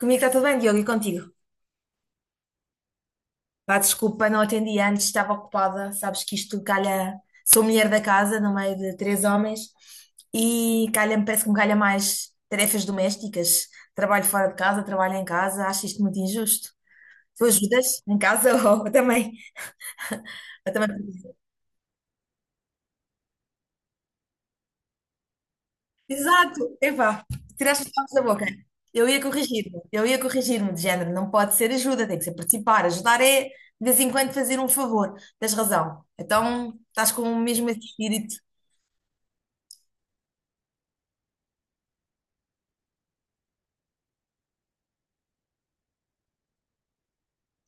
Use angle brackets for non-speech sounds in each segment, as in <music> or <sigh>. Comigo está tudo bem, Diogo, e contigo? Pá, desculpa, não atendi antes, estava ocupada. Sabes que isto calha. Sou mulher da casa, no meio de três homens, e calha-me, parece que me calha mais tarefas domésticas. Trabalho fora de casa, trabalho em casa, acho isto muito injusto. Tu ajudas em casa <laughs> ou também? Ou também. Exato, epá, tiraste os palavras da boca. Eu ia corrigir-me de género, não pode ser ajuda, tem que ser participar. Ajudar é, de vez em quando, fazer um favor. Tens razão. Então, estás com o mesmo espírito,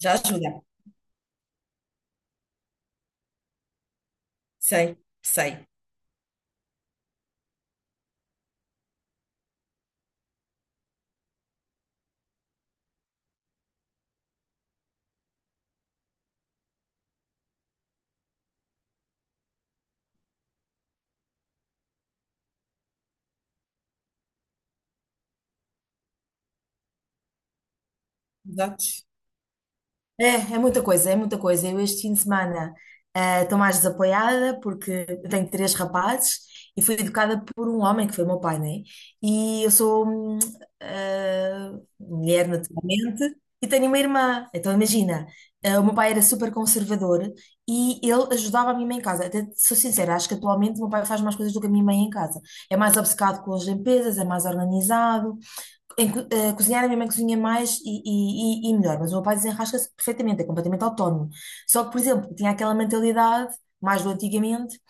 já ajuda. Sei, sei. Exato. É muita coisa, é muita coisa. Eu este fim de semana estou mais desapoiada porque eu tenho três rapazes e fui educada por um homem que foi o meu pai, né? E eu sou eh, mulher naturalmente e tenho uma irmã. Então imagina, o meu pai era super conservador e ele ajudava a minha mãe em casa. Até sou sincera, acho que atualmente o meu pai faz mais coisas do que a minha mãe em casa. É mais obcecado com as limpezas, é mais organizado em cozinhar. A minha mãe cozinha mais e melhor, mas o meu pai desenrasca-se perfeitamente, é completamente autónomo. Só que, por exemplo, tinha aquela mentalidade, mais do antigamente,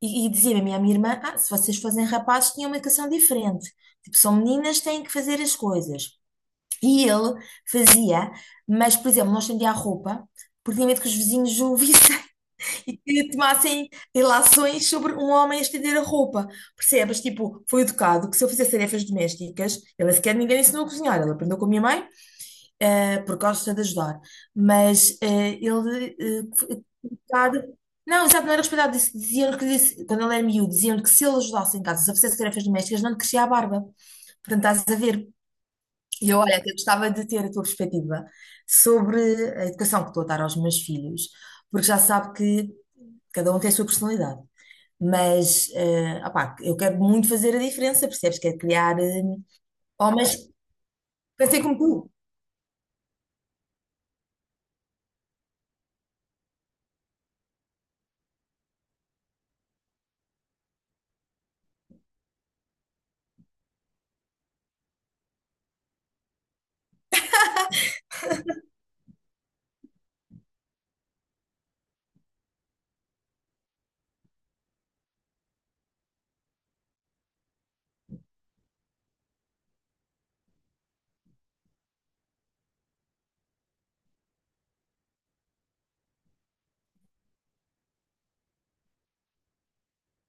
e dizia-me a minha irmã: ah, se vocês fossem rapazes, tinham uma educação diferente. Tipo, são meninas, têm que fazer as coisas. E ele fazia, mas, por exemplo, não estendia a roupa, porque tinha medo que os vizinhos o vissem e que tomassem relações sobre um homem a estender a roupa. Percebes? Tipo, foi educado que se eu fizesse tarefas domésticas. Ele sequer ninguém lhe ensinou a cozinhar, ele aprendeu com a minha mãe, porque gosta de ajudar. Mas ele, educado- não, exato, não era respeitado. Diziam-lhe que, quando ele era miúdo, diziam-lhe que se ele ajudasse em casa, se eu fizesse tarefas domésticas, não lhe crescia a barba. Portanto, estás a ver, e eu, olha, até gostava de ter a tua perspectiva sobre a educação que estou a dar aos meus filhos, porque já sabe que cada um tem a sua personalidade. Mas, opá, eu quero muito fazer a diferença, percebes? Quero criar homens que pensem como tu.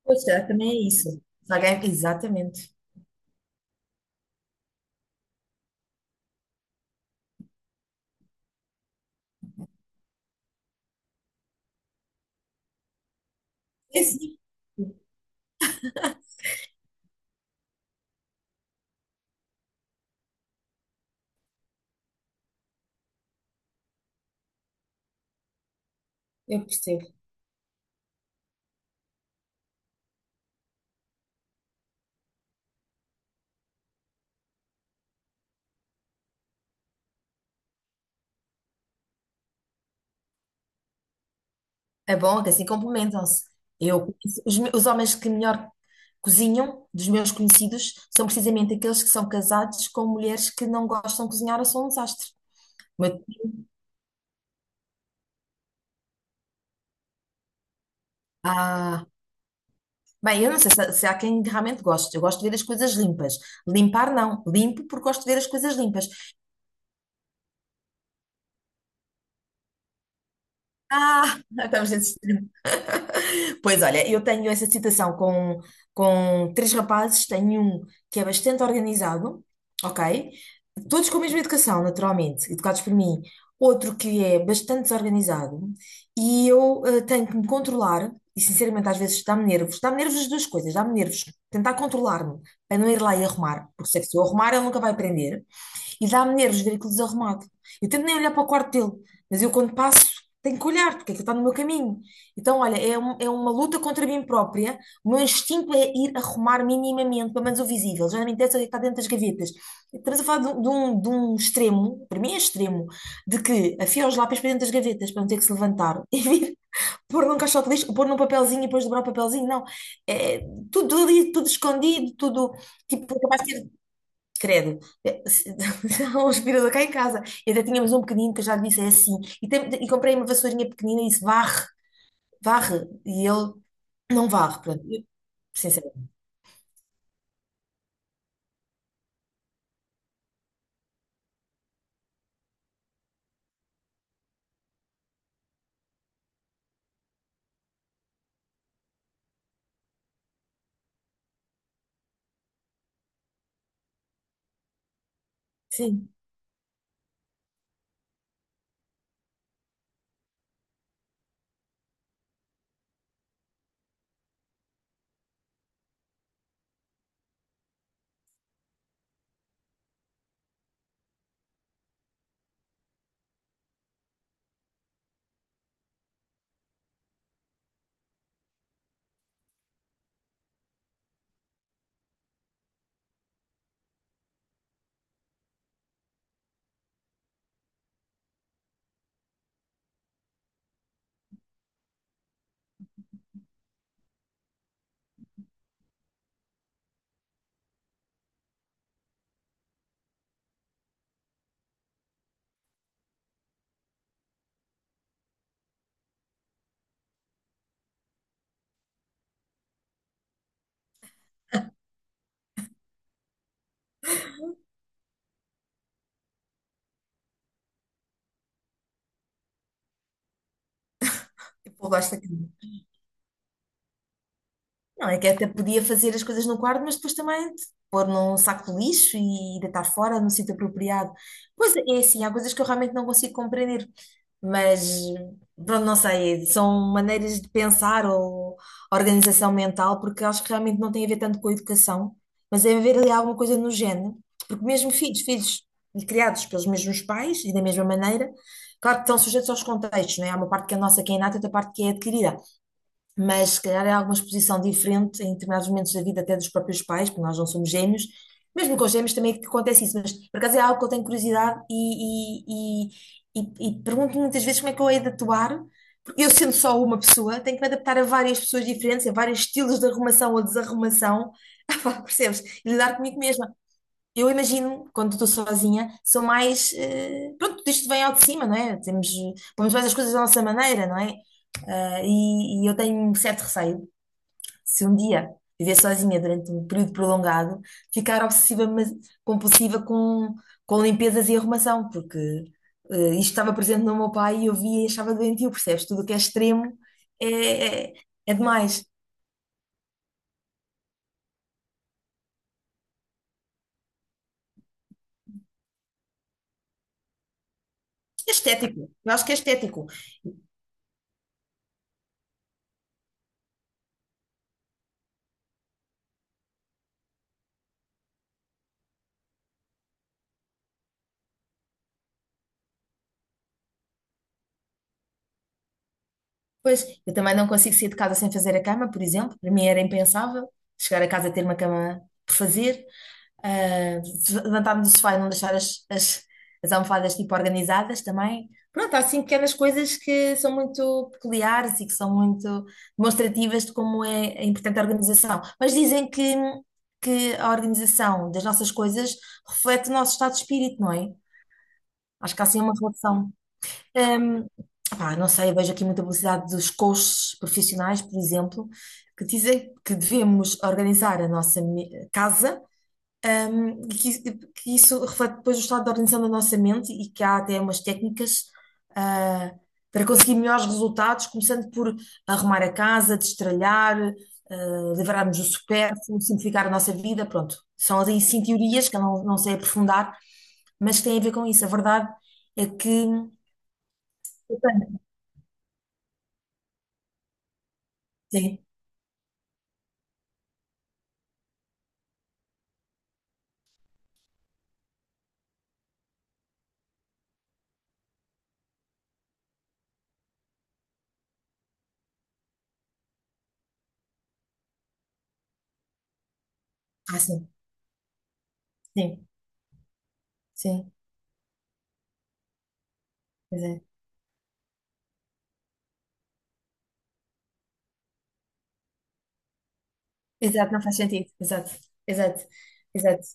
Pois é, também é isso. Se alguém- Exatamente. É assim, eu percebo. É bom que assim complementam-se. Eu, conheço- os, me- Os homens que melhor cozinham, dos meus conhecidos, são precisamente aqueles que são casados com mulheres que não gostam de cozinhar ou são um desastre. Mas- ah, bem, eu não sei se há quem realmente goste. Eu gosto de ver as coisas limpas. Limpar, não. Limpo porque gosto de ver as coisas limpas. Ah, <laughs> estamos a dizer. Pois olha, eu tenho essa citação com três rapazes. Tenho um que é bastante organizado, ok? Todos com a mesma educação, naturalmente, educados por mim. Outro que é bastante desorganizado e eu tenho que me controlar, e sinceramente às vezes dá-me nervos as duas coisas, dá-me nervos tentar controlar-me para não ir lá e arrumar, porque sei que se eu arrumar ele nunca vai aprender. E dá-me nervos ver aquilo desarrumado. Eu tento nem olhar para o quarto dele, mas eu quando passo tenho que olhar, porque aquilo está no meu caminho. Então, olha, é uma luta contra mim própria. O meu instinto é ir arrumar minimamente, pelo menos o visível. Já não me interessa o que é que está dentro das gavetas. Estamos a falar de um extremo, para mim é extremo, de que afio os lápis para dentro das gavetas para não ter que se levantar <laughs> e vir pôr num caixote de lixo, ou pôr num papelzinho e depois dobrar o papelzinho. Não, é tudo ali, tudo escondido, tudo tipo, capaz de ter... Credo! <laughs> Há um aspirador cá em casa. E até tínhamos um pequenino que eu já lhe disse, é assim. E comprei uma vassourinha pequenina e disse, varre, varre. E ele não varre, pronto. Eu, sinceramente, sim, eu gosto daquilo. Não, é que até podia fazer as coisas no quarto, mas depois também te pôr num saco de lixo e deitar fora no sítio apropriado. Pois é, é assim, há coisas que eu realmente não consigo compreender, mas pronto, não sei, são maneiras de pensar ou organização mental, porque acho que realmente não tem a ver tanto com a educação, mas é haver ali alguma coisa no género, porque mesmo filhos, filhos criados pelos mesmos pais e da mesma maneira, claro que estão sujeitos aos contextos, não é? Há uma parte que é nossa, que é inata, outra parte que é adquirida, mas se calhar é alguma exposição diferente em determinados momentos da vida, até dos próprios pais, porque nós não somos gêmeos. Mesmo com os gêmeos também é que acontece isso, mas por acaso é algo que eu tenho curiosidade e, e, e pergunto muitas vezes como é que eu hei de atuar, porque eu sendo só uma pessoa, tenho que me adaptar a várias pessoas diferentes, a vários estilos de arrumação ou desarrumação. <laughs> Ah, pá, percebes? E lidar comigo mesma. Eu imagino, quando estou sozinha, sou mais... Pronto, isto vem ao de cima, não é? Pomos mais as coisas da nossa maneira, não é? Ah, e eu tenho um certo receio, se um dia viver sozinha durante um período prolongado, ficar obsessiva, mas compulsiva com limpezas e arrumação, porque isto estava presente no meu pai e eu via e achava doentio, percebes? Tudo o que é extremo é, é, é demais. É estético, eu acho que é estético. Pois, eu também não consigo sair de casa sem fazer a cama, por exemplo. Para mim era impensável chegar a casa e ter uma cama por fazer. Ah, levantar-me do sofá e não deixar as almofadas tipo organizadas também. Pronto, há assim pequenas coisas que são muito peculiares e que são muito demonstrativas de como é importante a organização. Mas dizem que a organização das nossas coisas reflete o nosso estado de espírito, não é? Acho que há assim uma relação. Hum, Pá, não sei, eu vejo aqui muita publicidade dos coaches profissionais, por exemplo, que dizem que devemos organizar a nossa casa. E que isso, que isso reflete depois o estado de organização da nossa mente e que há até umas técnicas, ah, para conseguir melhores resultados, começando por arrumar a casa, destralhar, livrarmos do supérfluo, simplificar a nossa vida, pronto. São ali sim teorias que eu não sei aprofundar, mas que têm a ver com isso. A verdade é que... Sim. Ah, sim. Sim. Sim. Pois é. Exato, não faz sentido. Exato. Exato. Exato.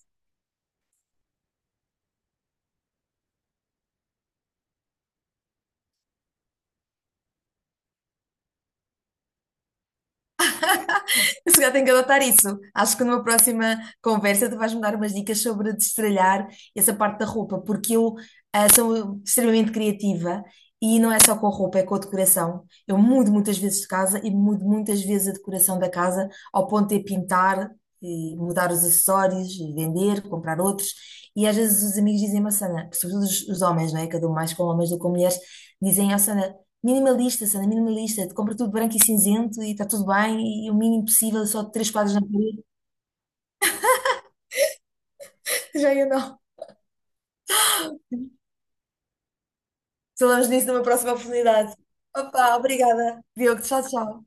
<laughs> Eu se calhar tenho que adotar isso. Acho que numa próxima conversa tu vais-me dar umas dicas sobre destralhar essa parte da roupa, porque eu sou extremamente criativa, e não é só com a roupa, é com a decoração. Eu mudo muitas vezes de casa e mudo muitas vezes a decoração da casa ao ponto de pintar e mudar os acessórios e vender, comprar outros. E às vezes os amigos dizem-me: "Oh, Sana, sobretudo os homens, não é?" Que eu dou mais com homens do que com mulheres. Dizem: "Oh, Sana, minimalista, Sandra, minimalista. Te compra tudo branco e cinzento e está tudo bem e o mínimo possível, só três quadros na parede." Já eu não. Falamos disso numa próxima oportunidade. Opa, obrigada. Diogo, tchau, tchau.